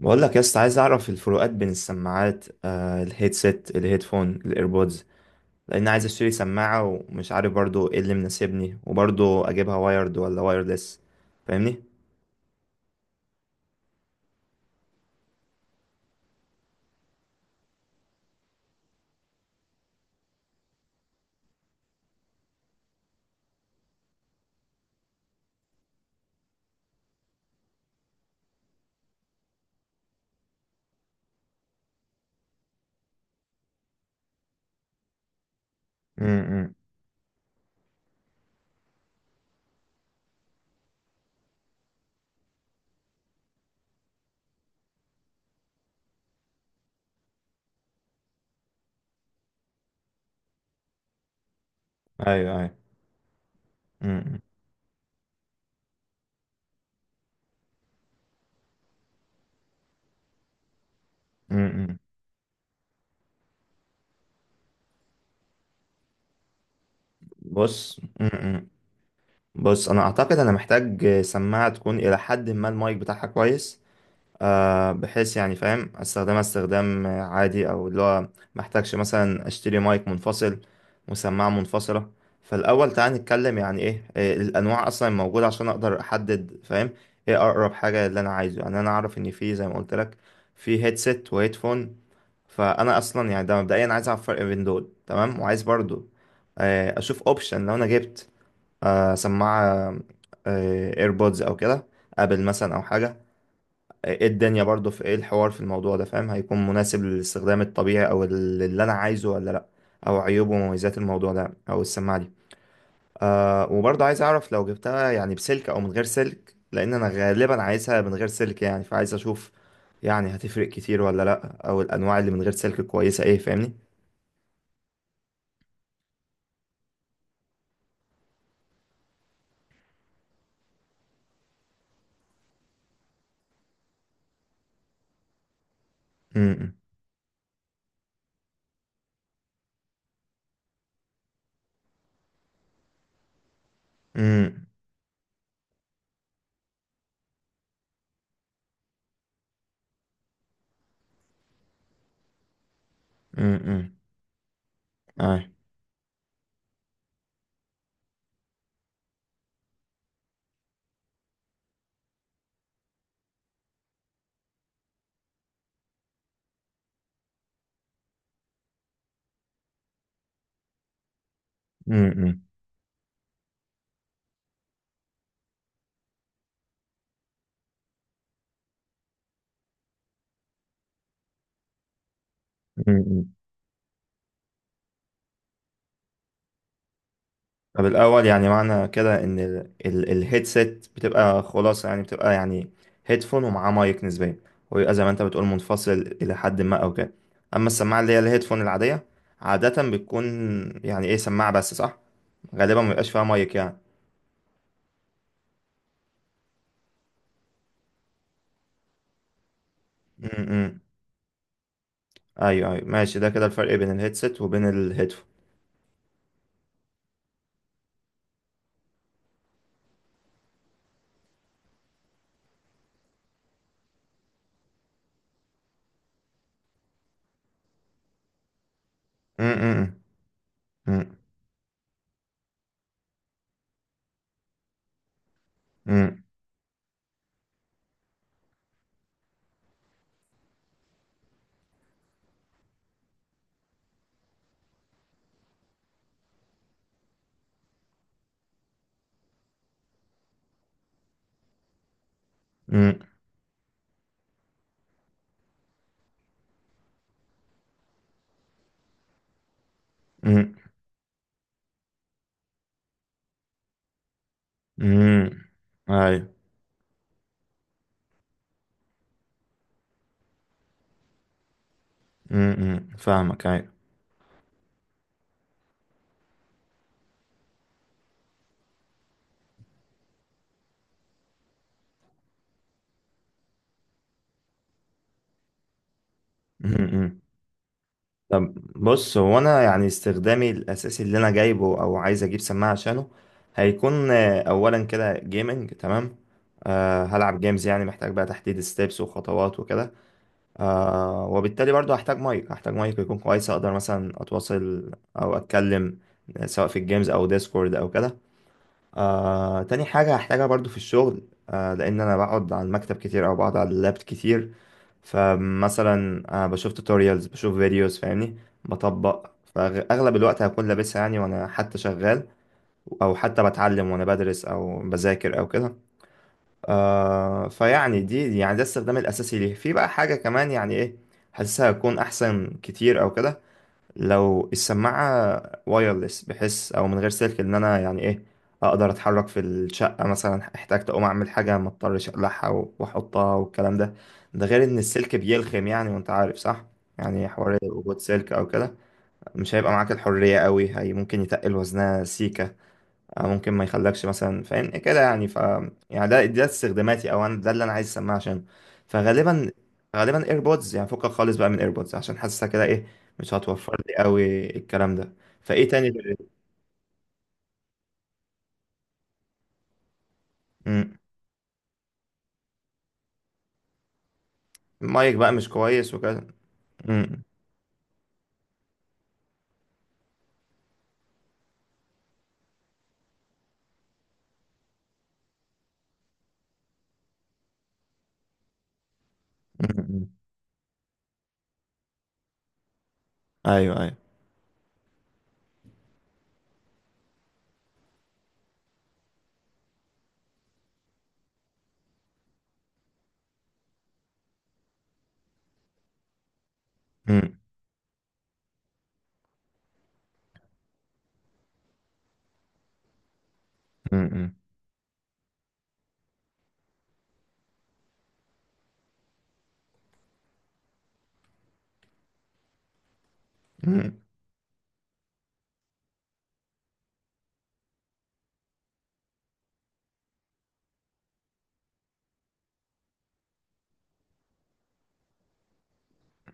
بقول لك يا اسطى، عايز اعرف الفروقات بين السماعات الهيدسيت الهيدفون الايربودز. لان عايز اشتري سماعه ومش عارف برضو ايه اللي مناسبني، وبرضو اجيبها وايرد ولا وايرلس؟ فاهمني؟ امم. ايوه، ايوه. امم. امم. بص م- م. بص انا اعتقد انا محتاج سماعه تكون الى حد ما المايك بتاعها كويس، بحيث يعني فاهم استخدمها استخدام عادي، او اللي هو محتاجش مثلا اشتري مايك منفصل وسماعة منفصلة. فالاول تعال نتكلم يعني ايه الانواع اصلا موجودة، عشان اقدر احدد فاهم ايه اقرب حاجة اللي انا عايزه. يعني انا اعرف ان في زي ما قلت لك، في هيدسيت وهيدفون، فانا اصلا يعني ده مبدئيا عايز اعرف الفرق بين دول، تمام. وعايز برضو اشوف اوبشن لو انا جبت سماعة ايربودز او كده، ابل مثلا او حاجة، ايه الدنيا برضو، في ايه الحوار في الموضوع ده، فاهم هيكون مناسب للاستخدام الطبيعي او اللي انا عايزه ولا لا، او عيوب ومميزات الموضوع ده او السماعة دي. آه وبرضو عايز اعرف لو جبتها يعني بسلك او من غير سلك، لان انا غالبا عايزها من غير سلك، يعني فعايز اشوف يعني هتفرق كتير ولا لا، او الانواع اللي من غير سلك كويسة ايه، فاهمني؟ امم. امم. امم. امم. طب الأول يعني معنى كده إن الهيدسيت بتبقى خلاص، يعني بتبقى يعني هيدفون ومعاه مايك نسبيا، ويبقى زي ما أنت بتقول منفصل إلى حد ما أو كده. أما السماعة اللي هي الهيدفون العادية، عادة بتكون يعني إيه سماعة بس، صح؟ غالبا ما بيبقاش فيها مايك يعني. م-م. أيوه، أيوه، ماشي، ده كده الفرق بين الهيدسيت وبين الهيدفون. م-م. م-م. م-م. م-م. أيوه. م-م. فاهمك، أيوه. م-م. بص هو انا يعني استخدامي الاساسي اللي انا جايبه او عايز اجيب سماعه عشانه هيكون اولا كده جيمنج، تمام. أه هلعب جيمز، يعني محتاج بقى تحديد ستيبس وخطوات وكده. أه وبالتالي برضو هحتاج مايك يكون كويس اقدر مثلا اتواصل او اتكلم، سواء في الجيمز او ديسكورد او كده. تاني حاجة هحتاجها برضو في الشغل، لأن أنا بقعد على المكتب كتير أو بقعد على اللاب كتير، فمثلا بشوف توتوريالز، بشوف فيديوز فاهمني، بطبق. فأغلب الوقت هكون لابسها يعني وأنا حتى شغال، أو حتى بتعلم وأنا بدرس أو بذاكر أو كده. فيعني دي يعني ده الاستخدام الأساسي ليه. في بقى حاجة كمان يعني إيه، حاسسها هتكون أحسن كتير أو كده، لو السماعة وايرلس، بحس او من غير سلك ان انا يعني ايه اقدر اتحرك في الشقة، مثلا احتاجت اقوم اعمل حاجة ما اضطرش اقلعها واحطها والكلام ده. ده غير ان السلك بيلخم يعني، وانت عارف، صح؟ يعني حوار وجود سلك او كده، مش هيبقى معاك الحرية قوي، هي ممكن يتقل وزنها سيكة، ممكن ما يخلكش مثلا فاهم كده، يعني ف يعني ده استخداماتي، او انا ده اللي انا عايز اسمعها عشان. فغالبا، ايربودز يعني فكك خالص بقى من ايربودز، عشان حاسسها كده ايه مش هتوفر لي قوي الكلام ده. فايه تاني غير-. مم. المايك بقى مش كويس وكده. مم. مم. ايوه، ايوه. مم. مم. مم.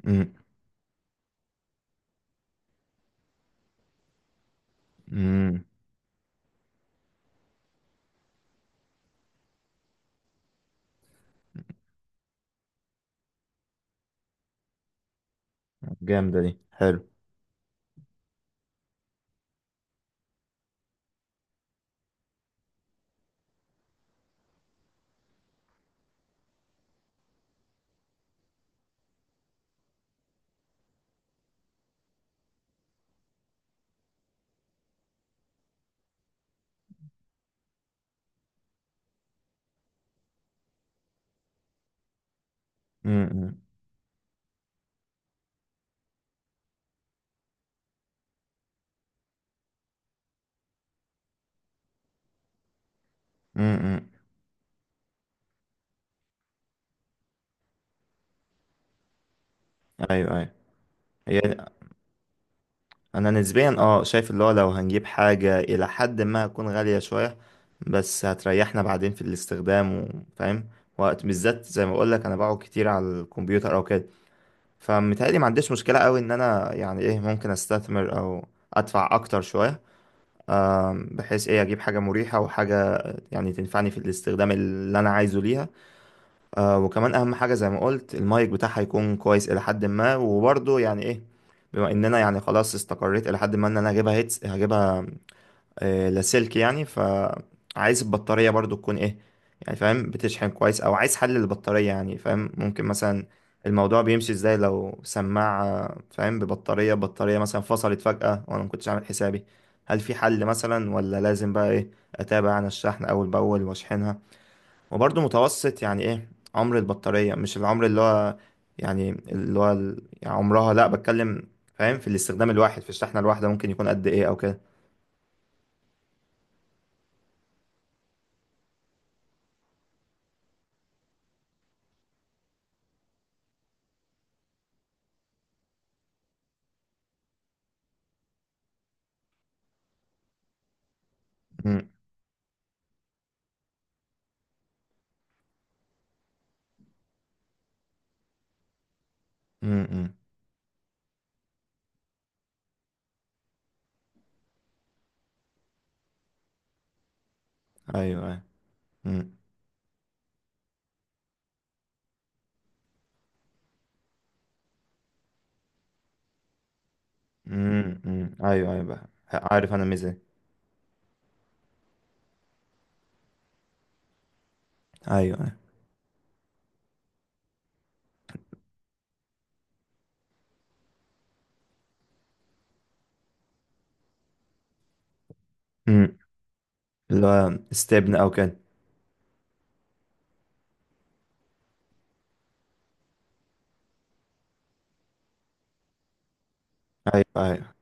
مم. مم. جامدة دي، حلو. مم. مم. مم. ايوه، ايوه. هي، انا نسبيا اه شايف اللي هو لو هنجيب حاجة الى حد ما هتكون غالية شوية، بس هتريحنا بعدين في الاستخدام. وفاهم وقت بالذات زي ما بقول لك انا بقعد كتير على الكمبيوتر او كده، فمتهيألي ما عنديش مشكلة قوي ان انا يعني ايه ممكن استثمر او ادفع اكتر شوية، بحيث ايه اجيب حاجة مريحة، وحاجة يعني تنفعني في الاستخدام اللي انا عايزه ليها. آه وكمان اهم حاجه زي ما قلت، المايك بتاعها هيكون كويس الى حد ما، وبرضه يعني ايه بما اننا يعني خلاص استقريت الى حد ما ان انا هجيبها، هيتس هجيبها آه لاسلكي يعني، فعايز البطاريه برضه تكون ايه، يعني فاهم بتشحن كويس. او عايز حل للبطاريه، يعني فاهم ممكن مثلا الموضوع بيمشي ازاي لو سماعه فاهم بطاريه مثلا فصلت فجاه وانا ما كنتش عامل حسابي، هل في حل مثلا ولا لازم بقى ايه اتابع انا الشحن اول باول واشحنها. وبرضه متوسط يعني ايه عمر البطارية، مش العمر اللي هو يعني اللي هو يعني عمرها، لا بتكلم فاهم في الاستخدام الواحد في الشحنة الواحدة ممكن يكون قد ايه او كده. أمم، أمم، أمم. ايوه، ايوه. أمم، أمم، أمم. ايوه، ايوه بقى. عارف انا ميزة. ايوه، ايوه. أمم. اللي هو استبن او كده. ايوه، ايوه.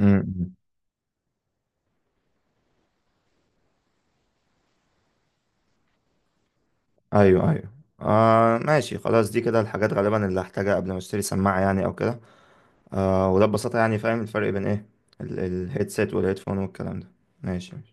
أمم، أمم. ايوه، ايوه. آه ماشي خلاص، دي كده الحاجات غالبا اللي هحتاجها قبل ما اشتري سماعة يعني او كده. آه وده ببساطة يعني فاهم الفرق بين ايه الهيدسيت والهيدفون والكلام ده. ماشي.